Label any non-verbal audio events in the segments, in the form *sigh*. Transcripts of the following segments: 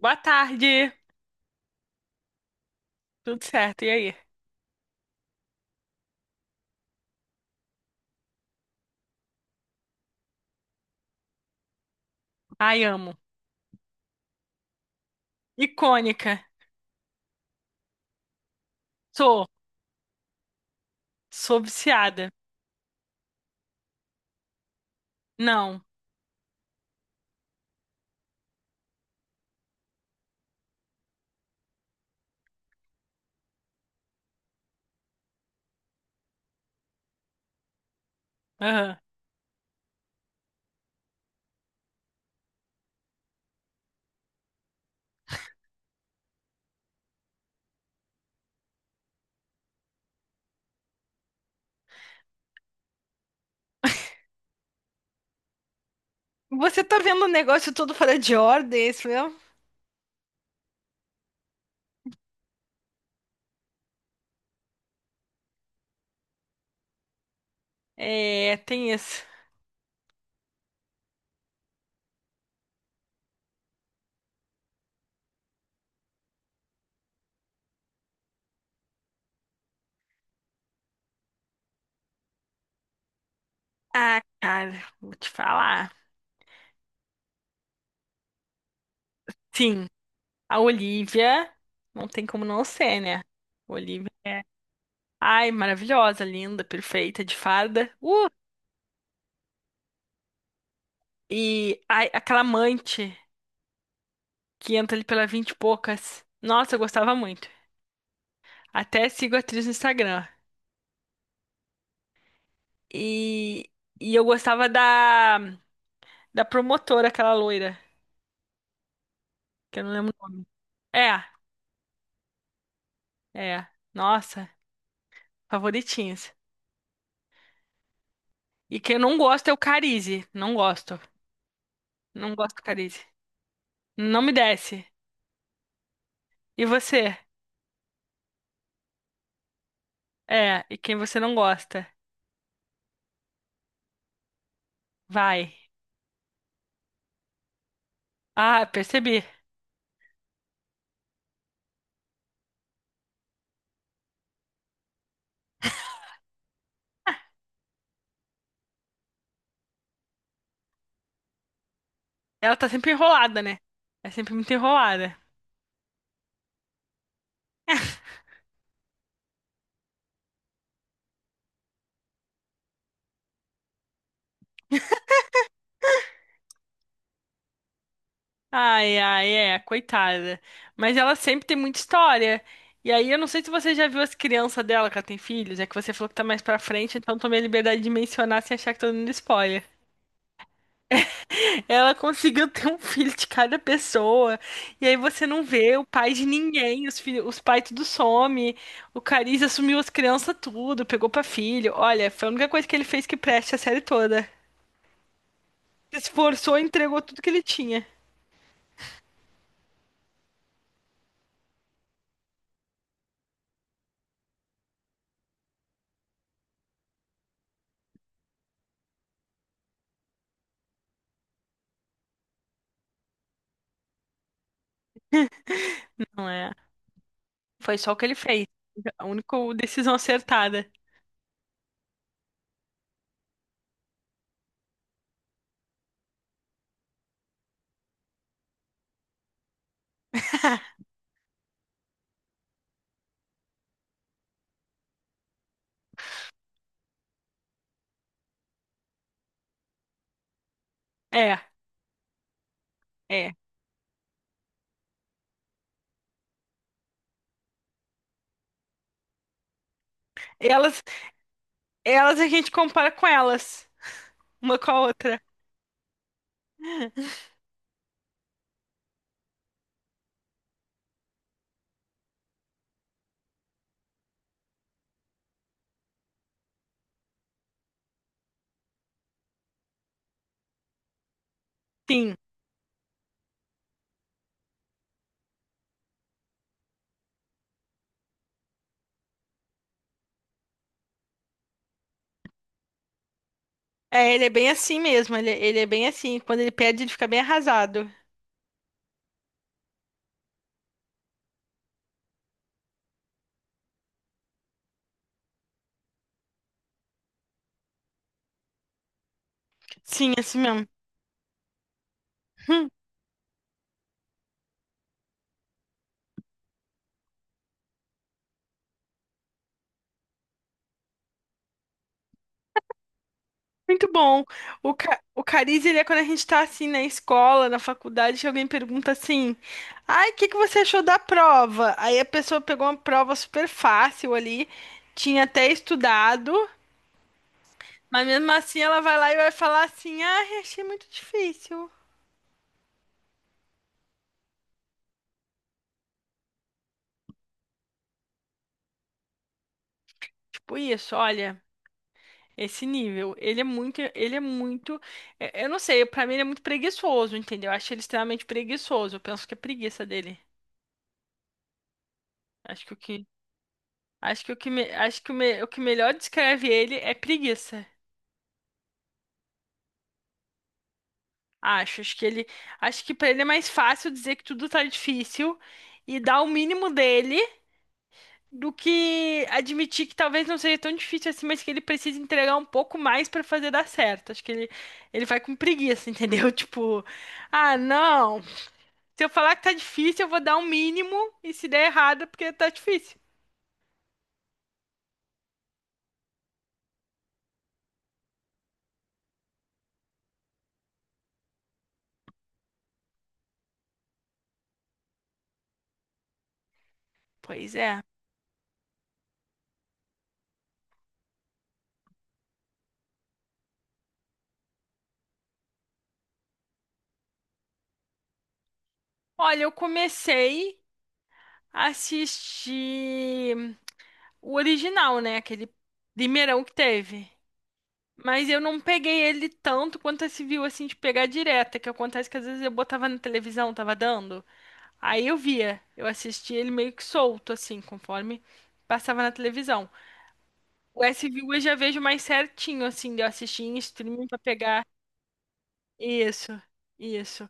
Boa tarde. Tudo certo, e aí? Ai, amo. Icônica. Sou. Sou viciada. Não. Aham. Você tá vendo o negócio todo fora de ordem, é isso mesmo? É, tem isso. Ah, cara, vou te falar. Sim, a Olivia não tem como não ser, né? Olivia é. Ai, maravilhosa, linda, perfeita, de farda. E ai, aquela amante que entra ali pela vinte e poucas. Nossa, eu gostava muito. Até sigo a atriz no Instagram. E, e eu gostava da promotora, aquela loira, que eu não lembro o nome. É, é. Nossa, favoritinhas. E quem eu não gosto é o Carize. Não gosto. Não gosto do Carize. Não me desce. E você? É, e quem você não gosta? Vai. Ah, percebi. Ela tá sempre enrolada, né? É sempre muito enrolada. Ai, ai, é, coitada. Mas ela sempre tem muita história. E aí, eu não sei se você já viu as crianças dela, que ela tem filhos, é que você falou que tá mais pra frente, então tomei a liberdade de mencionar sem achar que tô dando spoiler. Ela conseguiu *laughs* ter um filho de cada pessoa, e aí você não vê o pai de ninguém, os filhos, os pais tudo some, o Cariz assumiu as crianças tudo, pegou pra filho. Olha, foi a única coisa que ele fez que preste a série toda. Se esforçou e entregou tudo que ele tinha. Não é? Foi só o que ele fez. A única decisão acertada. É, é. Elas, elas a gente compara com elas, uma com a outra. Sim. É, ele é bem assim mesmo. Ele é bem assim. Quando ele perde, ele fica bem arrasado. Sim, assim mesmo. Hum, muito bom. O cariz, ele é quando a gente tá assim na escola, na faculdade, que alguém pergunta assim: ai, o que que você achou da prova? Aí a pessoa pegou uma prova super fácil ali, tinha até estudado. Mas mesmo assim ela vai lá e vai falar assim: "Ah, achei muito difícil". Tipo isso, olha, esse nível, ele é muito, é, eu não sei, pra mim ele é muito preguiçoso, entendeu? Eu acho ele extremamente preguiçoso. Eu penso que é preguiça dele. Acho que o que, acho que o que, me- acho que o, me- O que melhor descreve ele é preguiça. Acho, acho que ele, acho que pra ele é mais fácil dizer que tudo tá difícil e dar o mínimo dele do que admitir que talvez não seja tão difícil assim, mas que ele precisa entregar um pouco mais pra fazer dar certo. Acho que ele vai com preguiça, *laughs* entendeu? Tipo, ah, não. Se eu falar que tá difícil, eu vou dar um mínimo e se der errado, é porque tá difícil. Pois é. Olha, eu comecei a assistir o original, né? Aquele primeirão que teve. Mas eu não peguei ele tanto quanto esse viu assim de pegar direta, que acontece que às vezes eu botava na televisão, tava dando. Aí eu via, eu assistia ele meio que solto, assim, conforme passava na televisão. O S SVU eu já vejo mais certinho, assim, de eu assistir em streaming pra pegar. Isso, isso.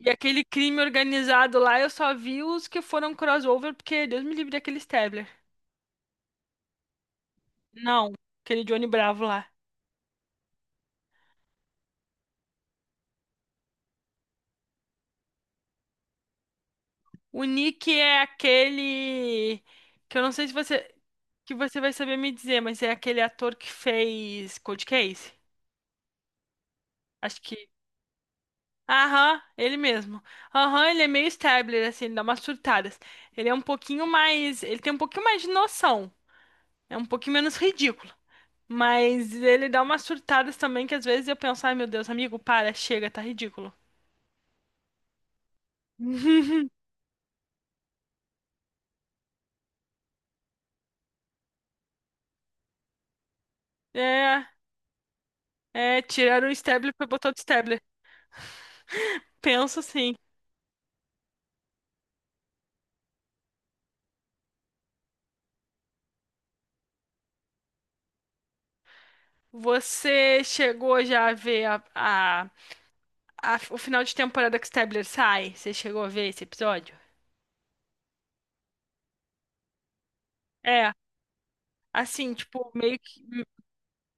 E aquele crime organizado lá, eu só vi os que foram crossover, porque Deus me livre daquele Stabler. Não, aquele Johnny Bravo lá. O Nick é aquele que eu não sei se você que você vai saber me dizer, mas é aquele ator que fez Cold Case. Acho que aham, ele mesmo. Aham, ele é meio Stabler, assim, ele dá umas surtadas. Ele é um pouquinho mais. Ele tem um pouquinho mais de noção. É um pouquinho menos ridículo. Mas ele dá umas surtadas também que às vezes eu penso, ai meu Deus, amigo, para, chega, tá ridículo. *laughs* É, é, tiraram o Stabler pra botar outro Stabler. Penso assim. Você chegou já a ver o final de temporada que o Stabler sai? Você chegou a ver esse episódio? É, assim, tipo, meio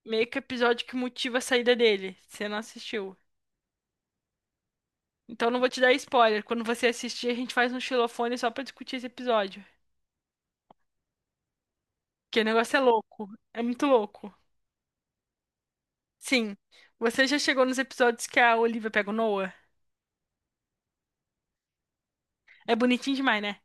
meio que o episódio que motiva a saída dele. Você não assistiu. Então não vou te dar spoiler. Quando você assistir, a gente faz um xilofone só pra discutir esse episódio. Que o negócio é louco. É muito louco. Sim. Você já chegou nos episódios que a Olivia pega o Noah? É bonitinho demais, né?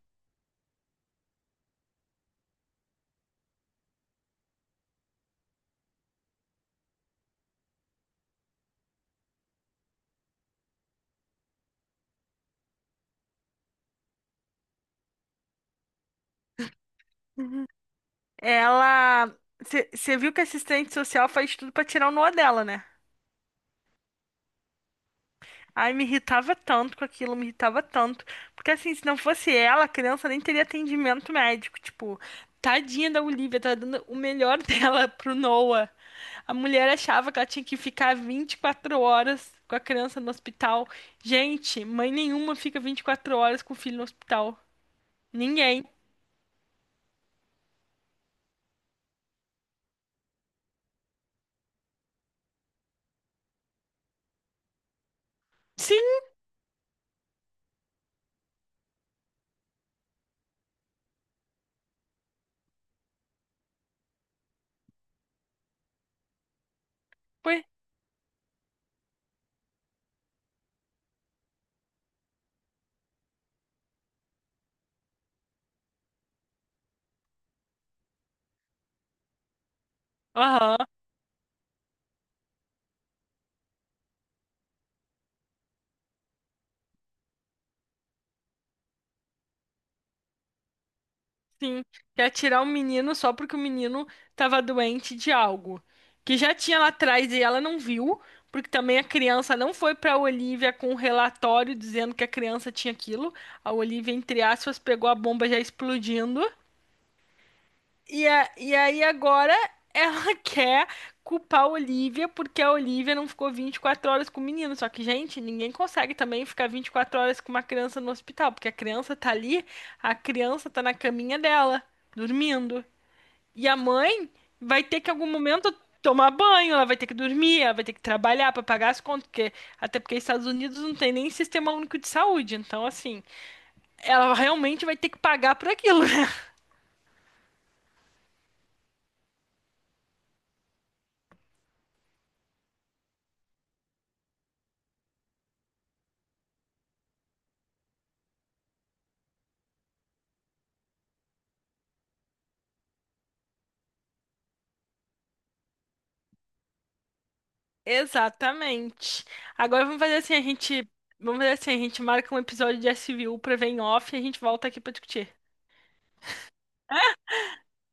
Ela. Você viu que a assistente social faz tudo pra tirar o Noah dela, né? Ai, me irritava tanto com aquilo, me irritava tanto. Porque assim, se não fosse ela, a criança nem teria atendimento médico. Tipo, tadinha da Olivia, tá dando o melhor *laughs* dela pro Noah. A mulher achava que ela tinha que ficar 24 horas com a criança no hospital. Gente, mãe nenhuma fica 24 horas com o filho no hospital. Ninguém. Sim, foi. Aham. Sim, quer tirar o menino só porque o menino tava doente de algo que já tinha lá atrás e ela não viu, porque também a criança não foi pra Olivia com um relatório dizendo que a criança tinha aquilo. A Olivia, entre aspas, pegou a bomba já explodindo e, a- e aí agora ela *laughs* quer culpar a Olivia porque a Olivia não ficou 24 horas com o menino. Só que, gente, ninguém consegue também ficar 24 horas com uma criança no hospital, porque a criança tá ali, a criança tá na caminha dela, dormindo. E a mãe vai ter que em algum momento tomar banho, ela vai ter que dormir, ela vai ter que trabalhar pra pagar as contas, porque até porque os Estados Unidos não tem nem sistema único de saúde. Então, assim, ela realmente vai ter que pagar por aquilo, *laughs* né? Exatamente. Agora vamos fazer assim, a gente, vamos fazer assim, a gente marca um episódio de S SVU pra ver em off e a gente volta aqui pra discutir.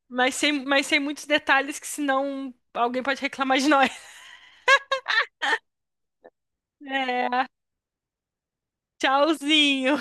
Mas sem muitos detalhes, que senão alguém pode reclamar de nós. *laughs* É, tchauzinho.